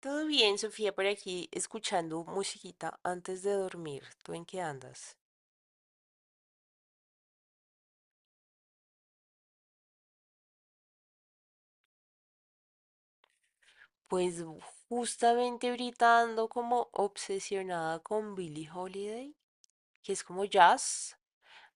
Todo bien, Sofía, por aquí escuchando musiquita antes de dormir. ¿Tú en qué andas? Pues u- Justamente ahorita ando como obsesionada con Billie Holiday, que es como jazz.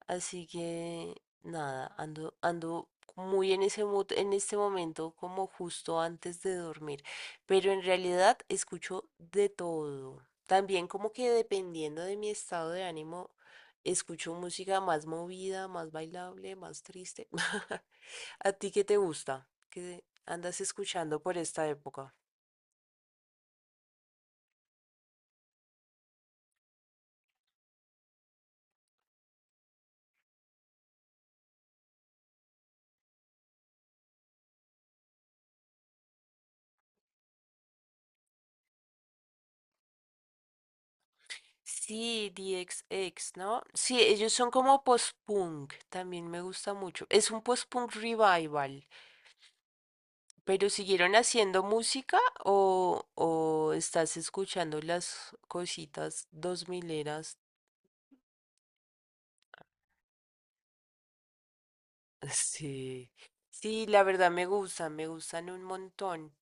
Así que nada, ando muy en ese mood en este momento, como justo antes de dormir. Pero en realidad escucho de todo. También como que dependiendo de mi estado de ánimo, escucho música más movida, más bailable, más triste. ¿A ti qué te gusta? ¿Qué andas escuchando por esta época? Sí, DXX, ¿no? Sí, ellos son como post-punk, también me gusta mucho. Es un post-punk revival. ¿Pero siguieron haciendo música o, estás escuchando las cositas dos mileras? Sí. Sí, la verdad me gustan un montón.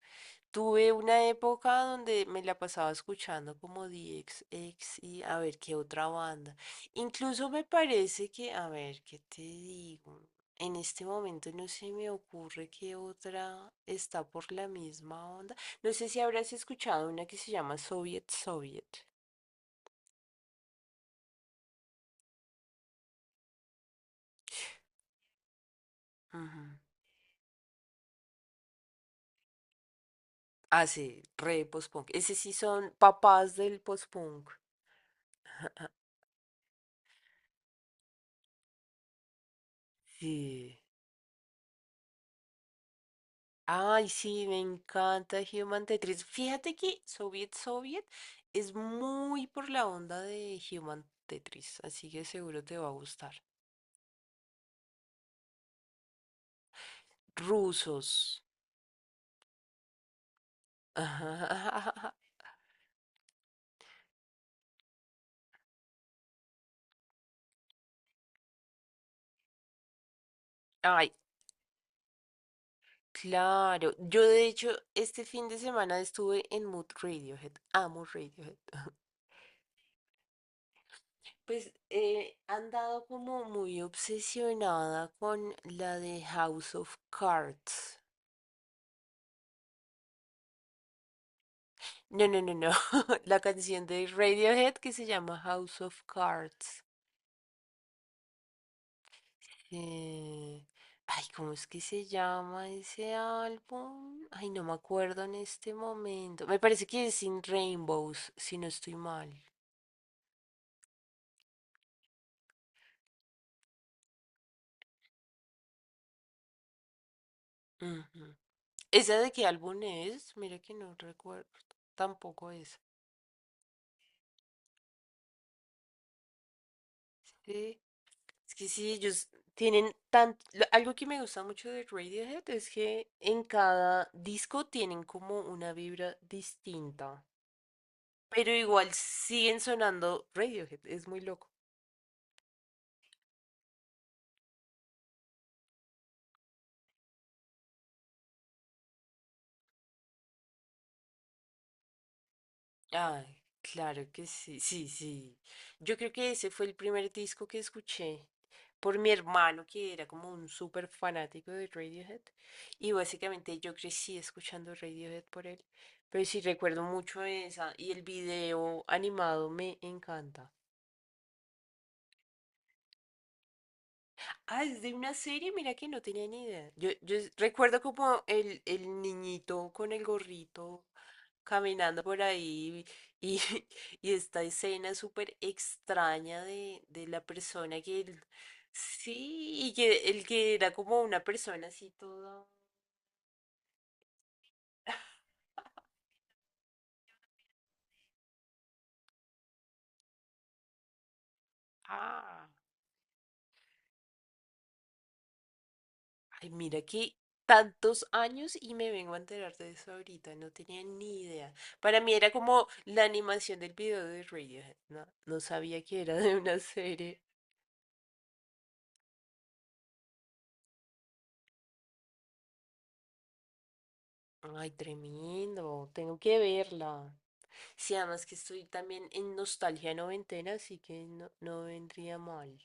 Tuve una época donde me la pasaba escuchando como D X X y a ver qué otra banda. Incluso me parece que, a ver, ¿qué te digo? En este momento no se me ocurre qué otra está por la misma onda. No sé si habrás escuchado una que se llama Soviet Soviet. Ujú. Ah, sí, re post-punk. Ese sí son papás del post-punk. Sí. Ay, sí, me encanta Human Tetris. Fíjate que Soviet Soviet es muy por la onda de Human Tetris, así que seguro te va a gustar. Rusos. Ay, claro. Yo de hecho este fin de semana estuve en Mood Radiohead. Amo Radiohead. Pues han dado como muy obsesionada con la de House of Cards. No, no, no, no. La canción de Radiohead que se llama House of Cards. Eh, Ay, ¿cómo es que se llama ese álbum? Ay, no me acuerdo en este momento. Me parece que es Sin Rainbows, si no estoy mal. Ujú. ¿Esa de qué álbum es? Mira que no recuerdo. Tampoco es. Sí. Es que sí, ellos tienen tanto... Algo que me gusta mucho de Radiohead es que en cada disco tienen como una vibra distinta. Pero igual siguen sonando Radiohead, es muy loco. Ay, claro que sí, sí, sí. Yo creo que ese fue el primer disco que escuché por mi hermano, que era como un súper fanático de Radiohead. Y básicamente yo crecí escuchando Radiohead por él. Pero sí recuerdo mucho esa. Y el video animado me encanta. Ah, es de una serie, mira que no tenía ni idea. Yo recuerdo como el niñito con el gorrito caminando por ahí y, y esta escena súper extraña de la persona que... sí, y que el que era como una persona así toda... Ah. Ay, mira que tantos años y me vengo a enterar de eso ahorita, no tenía ni idea. Para mí era como la animación del video de Radiohead, no, no sabía que era de una serie. Ay, tremendo, tengo que verla. Sí, además que estoy también en nostalgia noventena, así que no, no vendría mal.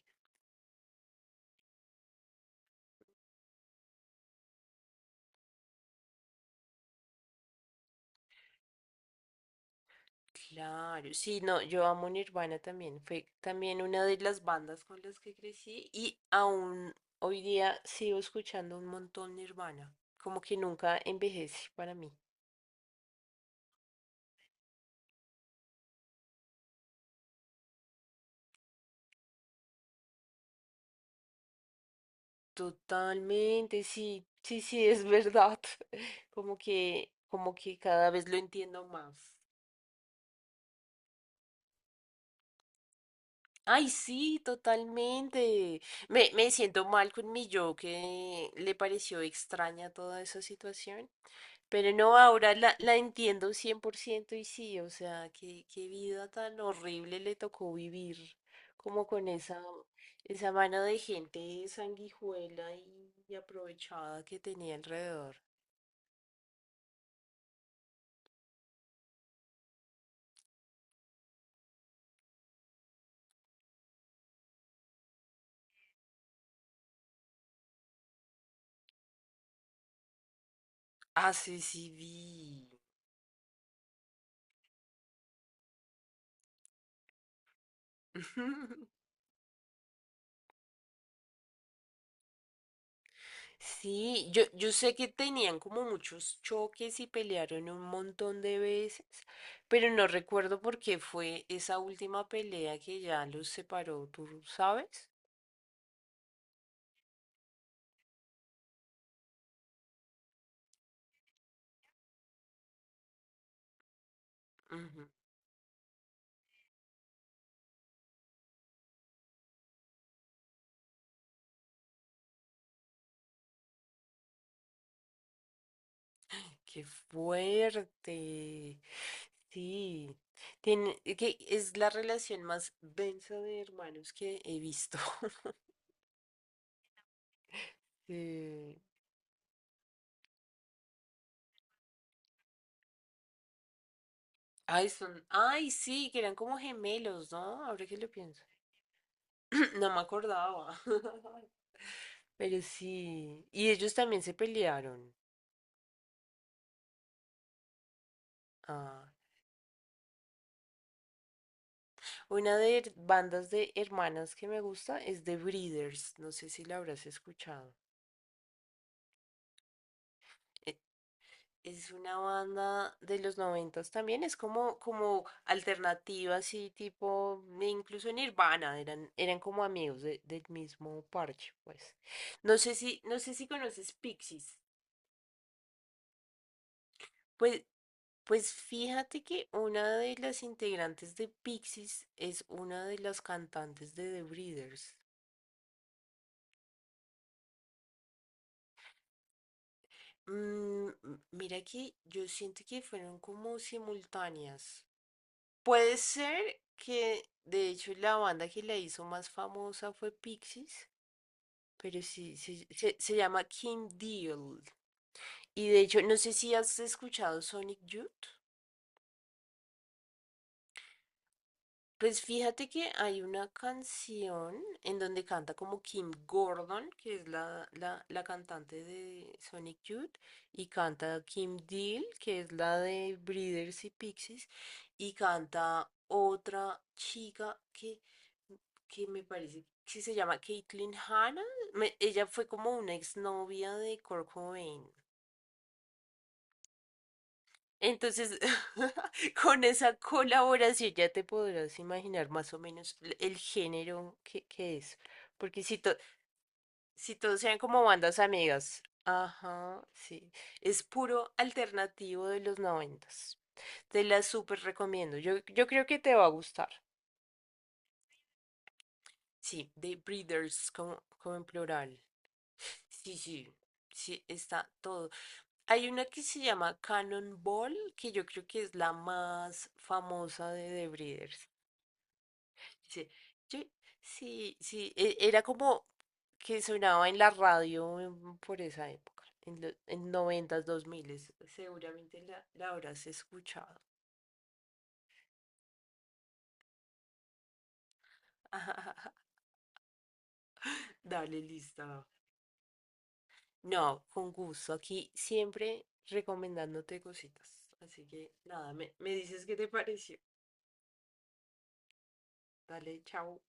Claro, sí, no, yo amo Nirvana también. Fue también una de las bandas con las que crecí y aún hoy día sigo escuchando un montón Nirvana. Como que nunca envejece para mí. Totalmente, sí, sí, sí, es verdad. Como que cada vez lo entiendo más. Ay, sí, totalmente. Me siento mal con mi yo que le pareció extraña toda esa situación. Pero no, ahora la entiendo 100% y sí, o sea, qué, qué vida tan horrible le tocó vivir, como con esa, esa mano de gente sanguijuela y aprovechada que tenía alrededor. Ah, sí, sí, vi. Sí, yo sé que tenían como muchos choques y pelearon un montón de veces, pero no recuerdo por qué fue esa última pelea que ya los separó, ¿tú sabes? Qué fuerte. Sí. Tiene, que es la relación más densa de hermanos que he visto. Sí. Ay, son, ay, sí, que eran como gemelos, ¿no? Ahora que lo pienso. No me acordaba. Pero sí. Y ellos también se pelearon. Ah. Una bandas de hermanas que me gusta es The Breeders. No sé si la habrás escuchado. Es una banda de los noventas también, es como, como alternativa, así tipo, e incluso Nirvana, eran como amigos del mismo parche, pues. No sé si, no sé si conoces Pixies. Pues, pues fíjate que una de las integrantes de Pixies es una de las cantantes de The Breeders. Mm, mira que yo siento que fueron como simultáneas. Puede ser que, de hecho, la banda que la hizo más famosa fue Pixies, pero sí, sí, se llama Kim Deal. Y de hecho, no sé si has escuchado Sonic Youth. Pues fíjate que hay una canción en donde canta como Kim Gordon, que es la cantante de Sonic Youth, y canta Kim Deal, que es la de Breeders y Pixies, y canta otra chica que me parece que se llama Caitlin Hanna. Ella fue como una exnovia de Kurt Cobain. Entonces, con esa colaboración ya te podrás imaginar más o menos el género que es. Porque si, si todos sean como bandas amigas, ajá, sí, es puro alternativo de los noventas. Te la súper recomiendo. Yo creo que te va a gustar. Sí, The Breeders, como, como en plural. Sí, sí, sí, está todo. Hay una que se llama Cannonball, que yo creo que es la más famosa de The Breeders. Dice, yo- sí, sí, era como que sonaba en la radio por esa época, en los en noventas, dos miles. Seguramente la habrás escuchado. Dale, lista. No, con gusto. Aquí siempre recomendándote cositas. Así que nada, me dices qué te pareció. Dale, chao.